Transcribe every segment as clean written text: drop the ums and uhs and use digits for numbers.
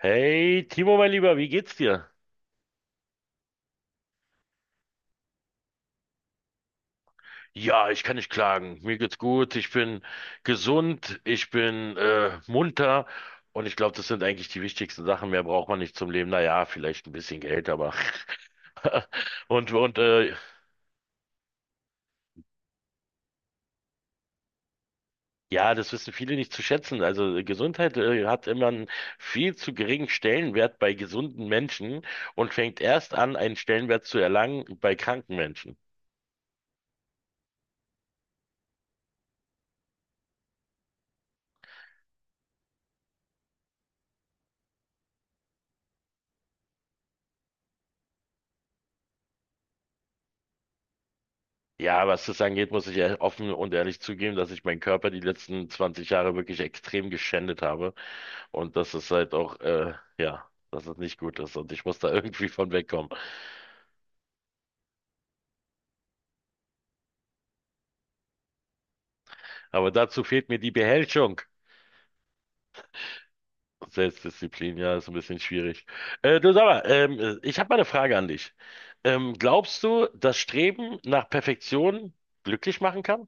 Hey, Timo, mein Lieber, wie geht's dir? Ja, ich kann nicht klagen. Mir geht's gut. Ich bin gesund, ich bin munter und ich glaube, das sind eigentlich die wichtigsten Sachen. Mehr braucht man nicht zum Leben. Naja, vielleicht ein bisschen Geld, aber und und äh, ja, das wissen viele nicht zu schätzen. Also Gesundheit hat immer einen viel zu geringen Stellenwert bei gesunden Menschen und fängt erst an, einen Stellenwert zu erlangen bei kranken Menschen. Ja, was das angeht, muss ich ja offen und ehrlich zugeben, dass ich meinen Körper die letzten 20 Jahre wirklich extrem geschändet habe und dass es halt auch, ja, dass es nicht gut ist und ich muss da irgendwie von wegkommen. Aber dazu fehlt mir die Beherrschung. Selbstdisziplin, ja, ist ein bisschen schwierig. Du sag mal, ich habe mal eine Frage an dich. Glaubst du, das Streben nach Perfektion glücklich machen kann?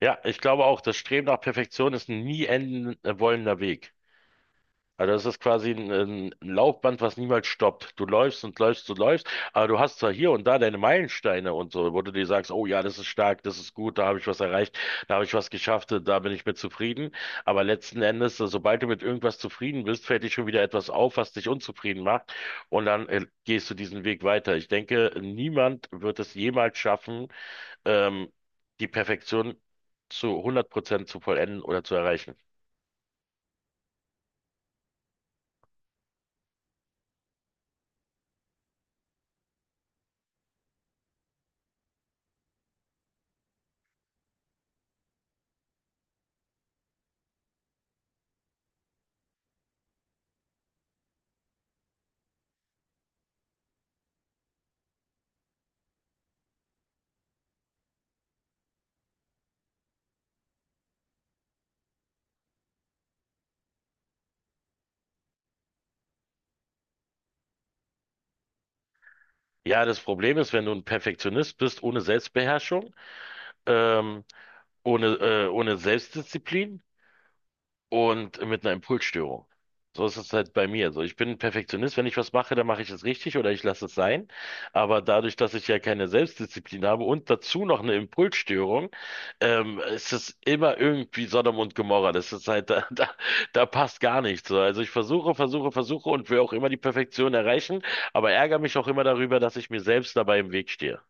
Ja, ich glaube auch, das Streben nach Perfektion ist ein nie enden wollender Weg. Also das ist quasi ein Laufband, was niemals stoppt. Du läufst und läufst und läufst, aber du hast zwar hier und da deine Meilensteine und so, wo du dir sagst, oh ja, das ist stark, das ist gut, da habe ich was erreicht, da habe ich was geschafft, da bin ich mit zufrieden. Aber letzten Endes, also sobald du mit irgendwas zufrieden bist, fällt dir schon wieder etwas auf, was dich unzufrieden macht und dann gehst du diesen Weg weiter. Ich denke, niemand wird es jemals schaffen, ähm, die Perfektion zu 100% zu vollenden oder zu erreichen. Ja, das Problem ist, wenn du ein Perfektionist bist, ohne Selbstbeherrschung, ähm, ohne Selbstdisziplin und mit einer Impulsstörung. So ist es halt bei mir. So, ich bin ein Perfektionist. Wenn ich was mache, dann mache ich es richtig oder ich lasse es sein. Aber dadurch, dass ich ja keine Selbstdisziplin habe und dazu noch eine Impulsstörung, ist es immer irgendwie Sodom und Gomorra. Das ist halt, da passt gar nichts. So, also ich versuche und will auch immer die Perfektion erreichen, aber ärgere mich auch immer darüber, dass ich mir selbst dabei im Weg stehe.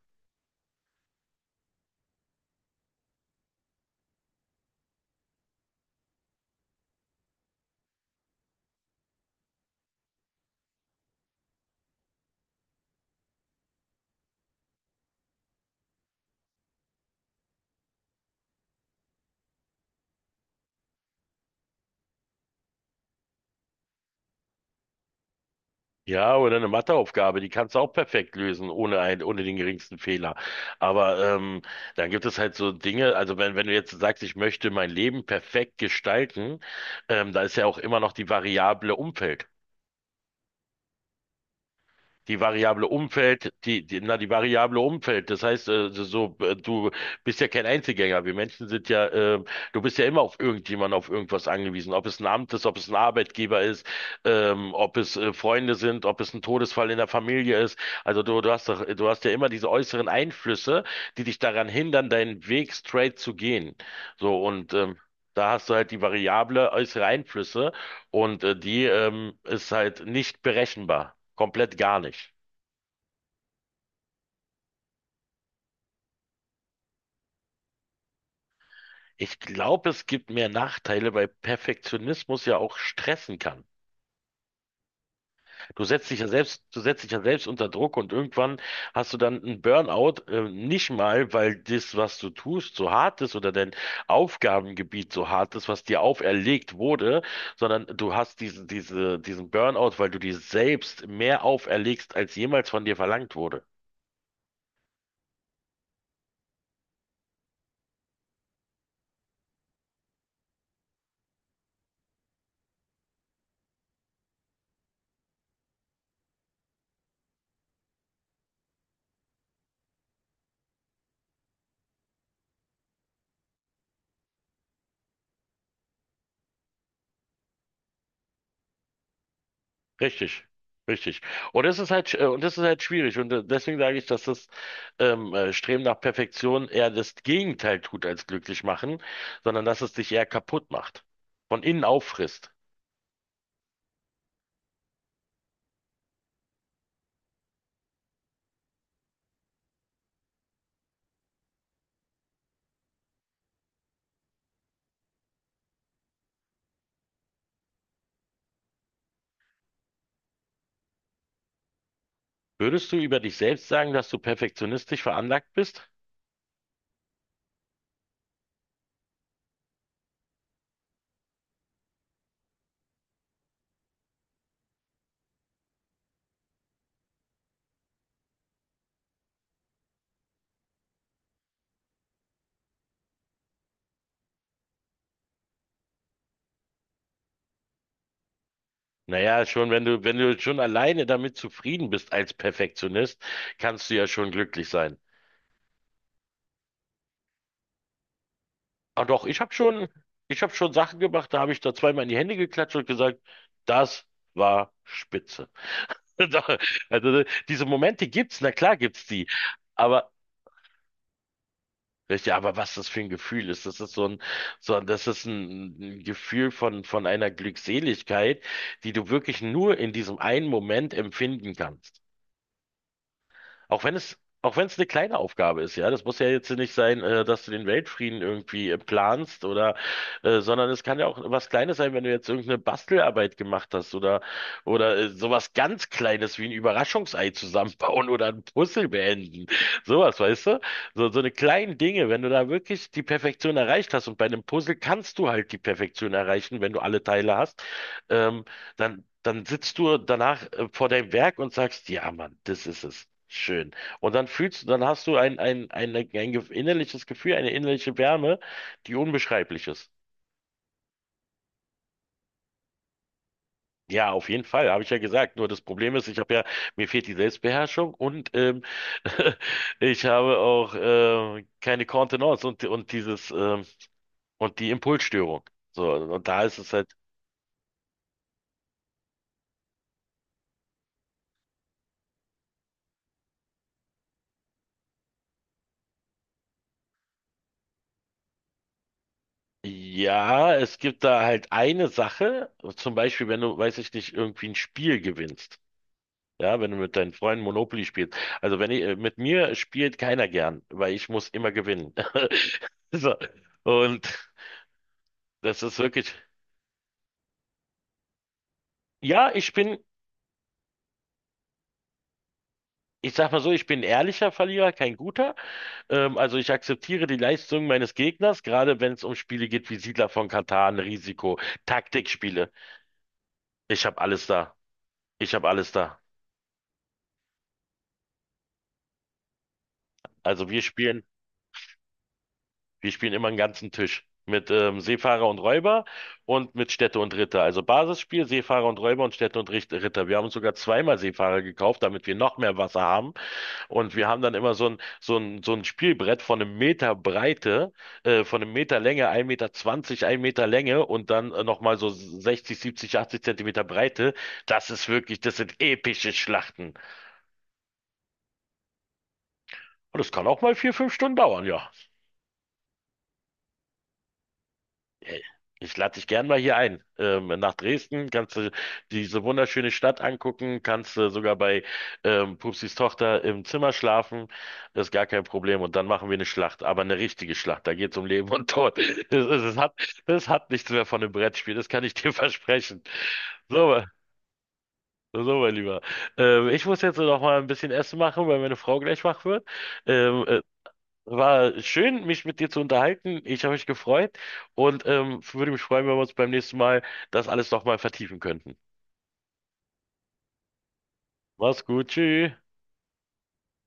Ja, oder eine Matheaufgabe, die kannst du auch perfekt lösen, ohne den geringsten Fehler. Aber dann gibt es halt so Dinge, also wenn du jetzt sagst, ich möchte mein Leben perfekt gestalten, da ist ja auch immer noch die Variable Umfeld. Die Variable Umfeld, die Variable Umfeld, das heißt, du bist ja kein Einzelgänger. Wir Menschen sind ja, du bist ja immer auf irgendjemanden, auf irgendwas angewiesen. Ob es ein Amt ist, ob es ein Arbeitgeber ist, ob es Freunde sind, ob es ein Todesfall in der Familie ist. Also du hast doch, du hast ja immer diese äußeren Einflüsse, die dich daran hindern, deinen Weg straight zu gehen. So, und, da hast du halt die Variable äußere Einflüsse und die ist halt nicht berechenbar. Komplett gar nicht. Ich glaube, es gibt mehr Nachteile, weil Perfektionismus ja auch stressen kann. Du setzt dich ja selbst unter Druck und irgendwann hast du dann einen Burnout, nicht mal, weil das, was du tust, so hart ist oder dein Aufgabengebiet so hart ist, was dir auferlegt wurde, sondern du hast diesen Burnout, weil du dir selbst mehr auferlegst, als jemals von dir verlangt wurde. Richtig, richtig. Und das ist halt, und das ist halt schwierig. Und deswegen sage ich, dass das Streben nach Perfektion eher das Gegenteil tut als glücklich machen, sondern dass es dich eher kaputt macht, von innen auffrisst. Würdest du über dich selbst sagen, dass du perfektionistisch veranlagt bist? Naja, schon, wenn du schon alleine damit zufrieden bist als Perfektionist, kannst du ja schon glücklich sein. Ah doch, ich habe schon Sachen gemacht, da habe ich da zweimal in die Hände geklatscht und gesagt, das war spitze. Doch, also diese Momente gibt's, na klar gibt's die. Aber weißt du, aber was das für ein Gefühl ist, das ist das ist ein Gefühl von einer Glückseligkeit, die du wirklich nur in diesem einen Moment empfinden kannst. Auch wenn es, auch wenn es eine kleine Aufgabe ist, ja. Das muss ja jetzt nicht sein, dass du den Weltfrieden irgendwie planst oder, sondern es kann ja auch was Kleines sein, wenn du jetzt irgendeine Bastelarbeit gemacht hast oder sowas ganz Kleines wie ein Überraschungsei zusammenbauen oder ein Puzzle beenden. Sowas, weißt du? So, so eine kleinen Dinge, wenn du da wirklich die Perfektion erreicht hast und bei einem Puzzle kannst du halt die Perfektion erreichen, wenn du alle Teile hast. Ähm, Dann, dann sitzt du danach vor deinem Werk und sagst, ja, Mann, das ist es. Schön. Und dann dann hast du ein innerliches Gefühl, eine innerliche Wärme, die unbeschreiblich ist. Ja, auf jeden Fall, habe ich ja gesagt. Nur das Problem ist, mir fehlt die Selbstbeherrschung und ich habe auch keine Kontenance und dieses und die Impulsstörung. So, und da ist es halt. Ja, es gibt da halt eine Sache, zum Beispiel, wenn du, weiß ich nicht, irgendwie ein Spiel gewinnst. Ja, wenn du mit deinen Freunden Monopoly spielst. Also wenn ich, Mit mir spielt keiner gern, weil ich muss immer gewinnen. So. Und das ist wirklich, ja, ich sag mal so, ich bin ein ehrlicher Verlierer, kein guter. Also ich akzeptiere die Leistung meines Gegners, gerade wenn es um Spiele geht wie Siedler von Catan, Risiko, Taktikspiele. Ich habe alles da. Ich habe alles da. Also wir spielen Wir spielen immer einen ganzen Tisch. Mit Seefahrer und Räuber und mit Städte und Ritter. Also Basisspiel, Seefahrer und Räuber und Städte und Ritter. Wir haben uns sogar zweimal Seefahrer gekauft, damit wir noch mehr Wasser haben. Und wir haben dann immer so ein Spielbrett von einem Meter Breite, von einem Meter Länge, ein Meter, zwanzig, ein Meter Länge und dann nochmal so 60, 70, 80 Zentimeter Breite. Das ist wirklich, das sind epische Schlachten. Und das kann auch mal 4, 5 Stunden dauern, ja. Hey, ich lade dich gern mal hier ein. Nach Dresden kannst du diese wunderschöne Stadt angucken, kannst du sogar bei Pupsis Tochter im Zimmer schlafen. Das ist gar kein Problem. Und dann machen wir eine Schlacht, aber eine richtige Schlacht. Da geht es um Leben und Tod. Es hat nichts mehr von einem Brettspiel, das kann ich dir versprechen. So, mein Lieber. Ich muss jetzt noch mal ein bisschen Essen machen, weil meine Frau gleich wach wird. Ähm, äh, War schön, mich mit dir zu unterhalten. Ich habe mich gefreut und würde mich freuen, wenn wir uns beim nächsten Mal das alles nochmal vertiefen könnten. Mach's gut, tschüss.